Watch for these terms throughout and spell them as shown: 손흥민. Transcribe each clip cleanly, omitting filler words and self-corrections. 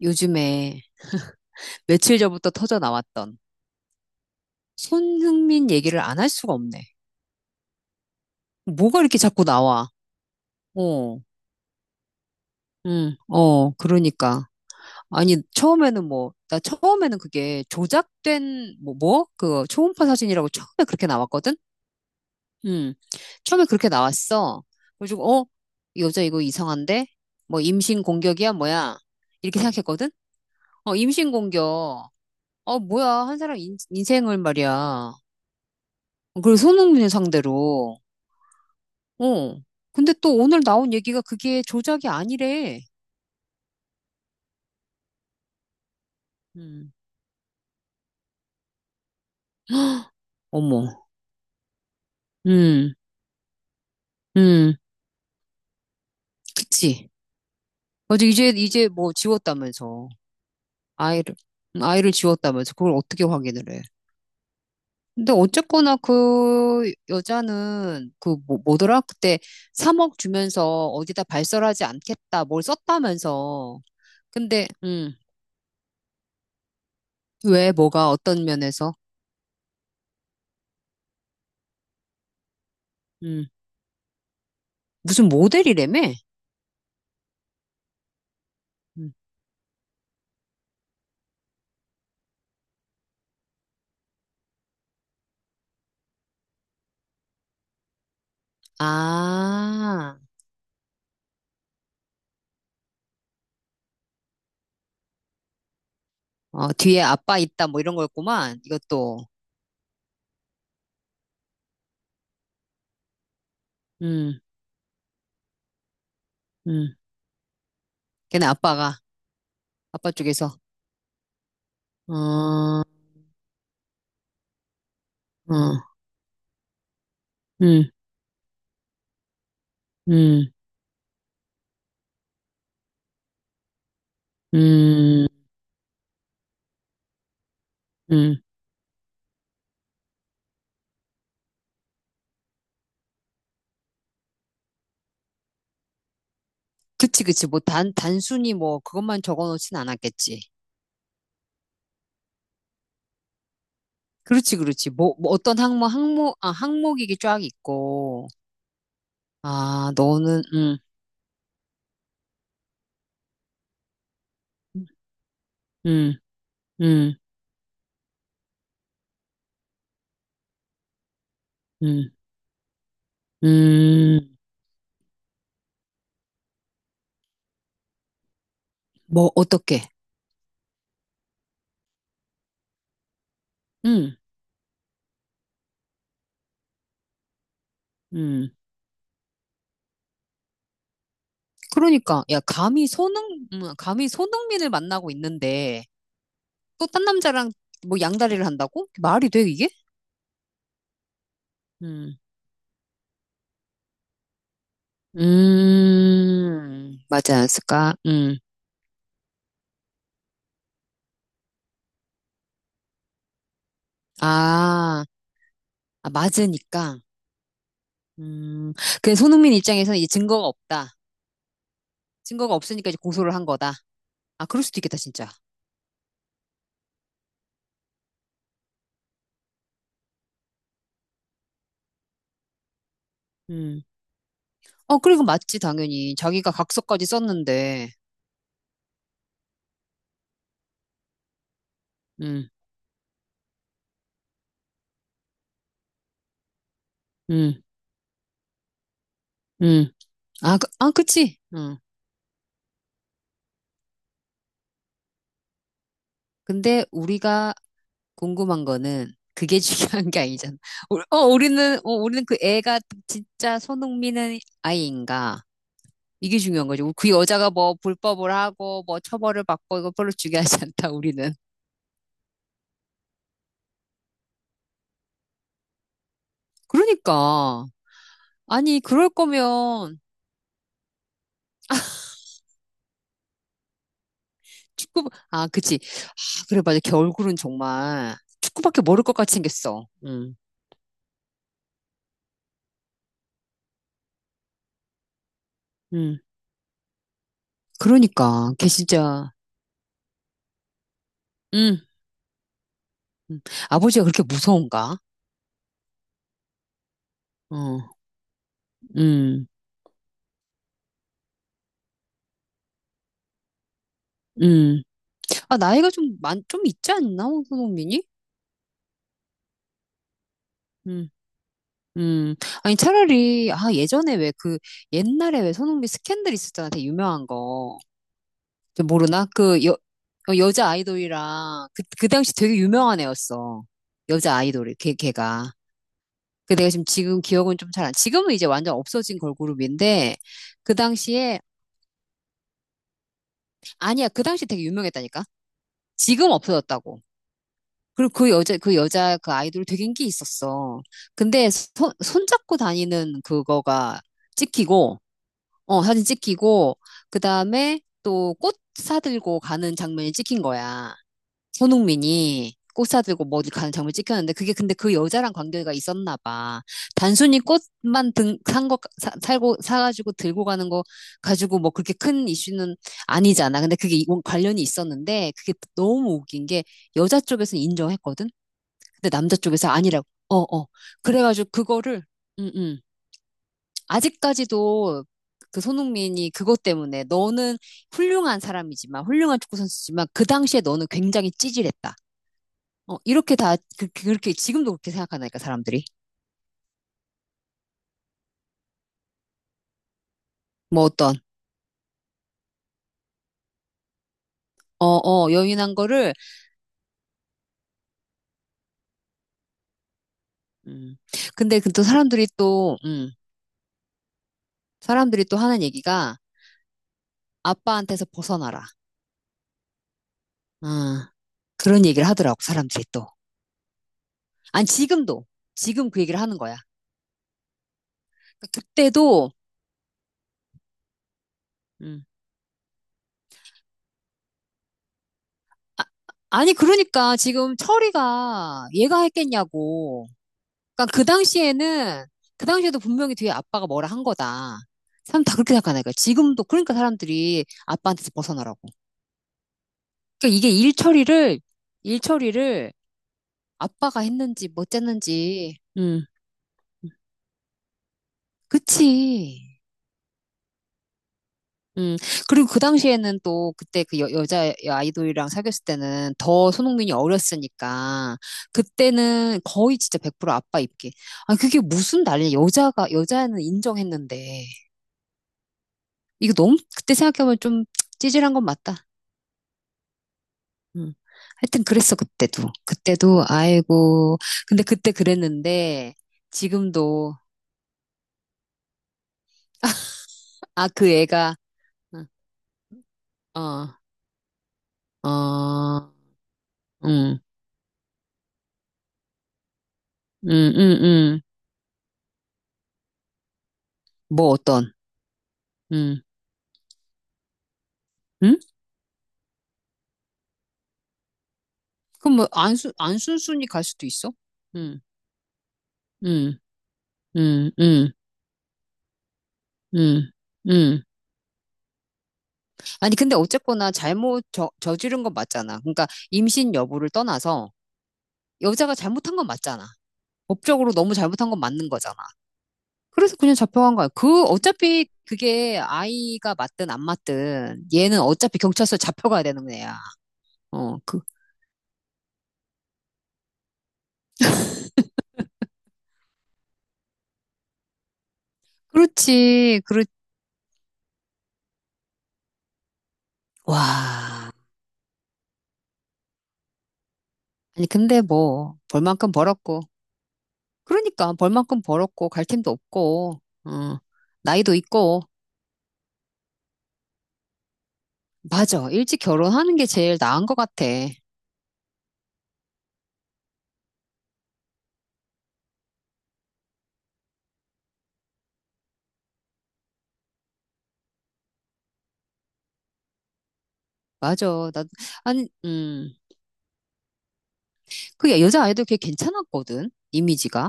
요즘에 며칠 전부터 터져 나왔던 손흥민 얘기를 안 할 수가 없네. 뭐가 이렇게 자꾸 나와? 어, 응, 어, 그러니까. 아니, 처음에는 뭐, 나 처음에는 그게 조작된, 뭐? 그 초음파 사진이라고 처음에 그렇게 나왔거든? 응, 처음에 그렇게 나왔어. 그래가지고, 어, 이 여자 이거 이상한데? 뭐, 임신 공격이야, 뭐야? 이렇게 생각했거든? 어, 임신 공격. 어, 뭐야. 한 사람 인생을 말이야. 그리고 손흥민 상대로. 어, 근데 또 오늘 나온 얘기가 그게 조작이 아니래. 음, 어머, 음, 음, 그치? 맞아, 이제 뭐 지웠다면서. 아이를, 아이를 지웠다면서. 그걸 어떻게 확인을 해? 근데 어쨌거나 그 여자는 그 뭐, 뭐더라? 그때 3억 주면서 어디다 발설하지 않겠다. 뭘 썼다면서. 근데 왜 뭐가 어떤 면에서? 음, 무슨 모델이라며? 음. 아. 어, 뒤에 아빠 있다 뭐 이런 거였구만. 이것도. 음, 음. 걔네 아빠가 아빠 쪽에서. 어, 어, 음, 음, 음, 음. 그치, 그치. 뭐 단순히 뭐 그것만 적어 놓진 않았겠지. 그렇지, 그렇지. 뭐, 뭐 어떤 항목, 항목, 아, 항목이 게쫙 있고. 아, 너는, 음, 음, 음, 음. 뭐 어떻게? 음, 음. 그러니까 야 감히 손흥민을 만나고 있는데 또 딴 남자랑 뭐 양다리를 한다고? 말이 돼, 이게? 음, 맞지 않았을까? 아, 아, 맞으니까. 음, 그 손흥민 입장에서는 이제 증거가 없다. 증거가 없으니까 이제 고소를 한 거다. 아, 그럴 수도 있겠다, 진짜. 음, 어, 그리고 맞지, 당연히. 자기가 각서까지 썼는데. 음, 음, 음. 아, 그, 아, 그치. 음. 근데 우리가 궁금한 거는 그게 중요한 게 아니잖아. 우리는, 우리는 그 애가 진짜 손흥민은 아이인가? 이게 중요한 거죠. 그 여자가 뭐 불법을 하고 뭐 처벌을 받고 이거 별로 중요하지 않다, 우리는. 그러니까. 아니, 그럴 거면 아, 그치. 아, 그래, 맞아. 걔 얼굴은 정말 축구밖에 모를 것 같이 생겼어. 응, 응. 그러니까. 걔 진짜, 응. 응. 아버지가 그렇게 무서운가? 어, 응, 응. 아, 나이가 좀 있지 않나, 손흥민이? 음, 음. 아니, 예전에 왜 그, 옛날에 왜 손흥민 스캔들 있었잖아, 되게 유명한 거. 저 모르나? 여자 아이돌이랑, 그 당시 되게 유명한 애였어. 여자 아이돌이, 걔가. 그 내가 지금 기억은 좀 잘 안, 지금은 이제 완전 없어진 걸그룹인데, 그 당시에, 아니야, 그 당시 되게 유명했다니까? 지금 없어졌다고. 그리고 그 여자, 그 아이돌 되게 인기 있었어. 근데 손잡고 다니는 그거가 찍히고, 어, 사진 찍히고, 그 다음에 또 꽃 사들고 가는 장면이 찍힌 거야. 손흥민이 꽃 사들고 뭐 어디 가는 장면 찍혔는데, 그게 근데 그 여자랑 관계가 있었나 봐. 단순히 꽃만 등, 산 거, 사, 살고, 사가지고 들고 가는 거 가지고 뭐 그렇게 큰 이슈는 아니잖아. 근데 그게 관련이 있었는데, 그게 너무 웃긴 게 여자 쪽에서는 인정했거든? 근데 남자 쪽에서 아니라고. 어, 어. 그래가지고 그거를, 음, 음. 아직까지도 그 손흥민이 그것 때문에 너는 훌륭한 사람이지만, 훌륭한 축구 선수지만, 그 당시에 너는 굉장히 찌질했다. 어, 이렇게 다, 그렇게, 지금도 그렇게 생각하니까, 사람들이. 뭐 어떤, 어, 어, 여인한 거를, 음. 근데 그 또 사람들이 또, 사람들이 또 하는 얘기가, 아빠한테서 벗어나라. 아, 그런 얘기를 하더라고, 사람들이 또. 아니, 지금도. 지금 그 얘기를 하는 거야. 그러니까 그때도 음. 아, 아니, 그러니까 지금 철이가 얘가 했겠냐고. 그러니까 그 당시에는, 그 당시에도 분명히 뒤에 아빠가 뭐라 한 거다. 사람 다 그렇게 생각하니까. 지금도, 그러니까 사람들이 아빠한테서 벗어나라고. 그러니까 이게 일처리를, 일처리를 아빠가 했는지, 못 했는지. 음. 그치. 음, 그리고 그 당시에는 또 그때 여자 아이돌이랑 사귀었을 때는 더 손흥민이 어렸으니까 그때는 거의 진짜 100% 아빠 입기. 아, 그게 무슨 난리야. 여자는 인정했는데. 이거 너무 그때 생각해보면 좀 찌질한 건 맞다. 음. 하여튼 그랬어, 그때도. 그때도, 아이고. 근데 그때 그랬는데 지금도, 아, 그 애가, 어, 어, 음, 음, 음, 음. 뭐 어떤, 음. 응? 그럼 뭐 안순순이 갈 수도 있어? 응, 응, 응, 응, 응, 응. 아니 근데 어쨌거나 저지른 건 맞잖아. 그러니까 임신 여부를 떠나서 여자가 잘못한 건 맞잖아. 법적으로 너무 잘못한 건 맞는 거잖아. 그래서 그냥 잡혀간 거야. 그 어차피 그게 아이가 맞든 안 맞든 얘는 어차피 경찰서 잡혀가야 되는 애야. 어, 그 그렇지, 그렇. 와. 아니 근데 뭐 벌만큼 벌었고. 그러니까 벌 만큼 벌었고 갈 팀도 없고 어, 나이도 있고 맞아 일찍 결혼하는 게 제일 나은 것 같아 맞아 나 아니 음그 여자 아이도 꽤 괜찮았거든 이미지가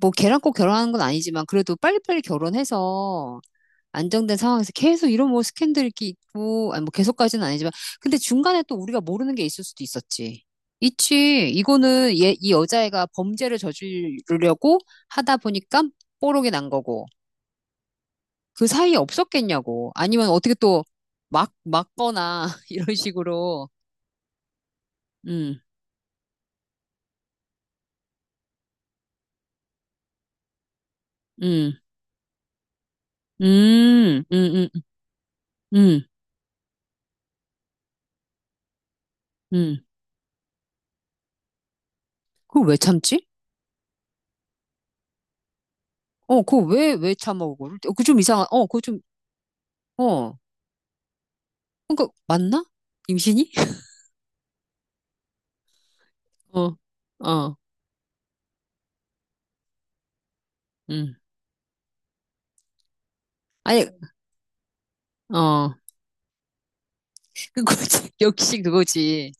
뭐 걔랑 꼭 결혼하는 건 아니지만 그래도 빨리빨리 결혼해서 안정된 상황에서 계속 이런 뭐 스캔들 이렇게 있고 아니 뭐 계속까지는 아니지만 근데 중간에 또 우리가 모르는 게 있을 수도 있었지 있지 이거는 얘 이 여자애가 범죄를 저지르려고 하다 보니까 뽀록이 난 거고 그 사이에 없었겠냐고. 아니면 어떻게 또 막거나, 이런 식으로. 음, 음, 음, 음, 음, 음, 음. 그걸 왜 참지? 어, 왜 참아, 그어 그거 좀 이상한, 어, 그거 좀, 어. 그니까, 맞나? 임신이? 어, 어, 음. 아니, 어. 그거지. 역시 그거지.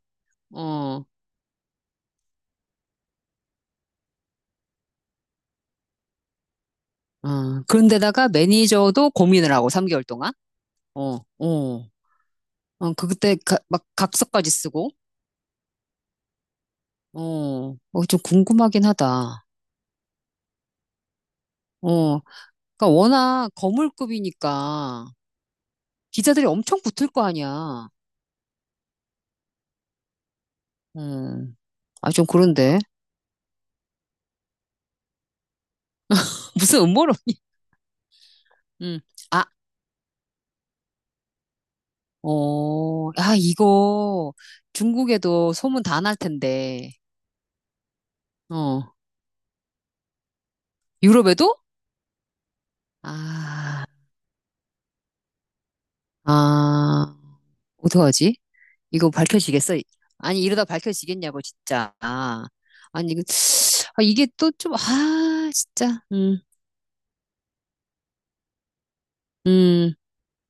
어, 어. 그런데다가 매니저도 고민을 하고, 3개월 동안. 어, 어. 어, 그 막 각서까지 쓰고. 어, 어, 좀 궁금하긴 하다. 어, 그러니까 워낙 거물급이니까 기자들이 엄청 붙을 거 아니야. 음, 아, 좀 그런데. 무슨 음모론이? 음, 아, 어, 아, 이거 중국에도 소문 다 날 텐데. 어, 유럽에도? 아, 아, 어떡하지? 이거 밝혀지겠어? 아니, 이러다 밝혀지겠냐고, 진짜. 아, 아니, 이거, 아, 이게 또 좀, 아, 진짜. 음. 음,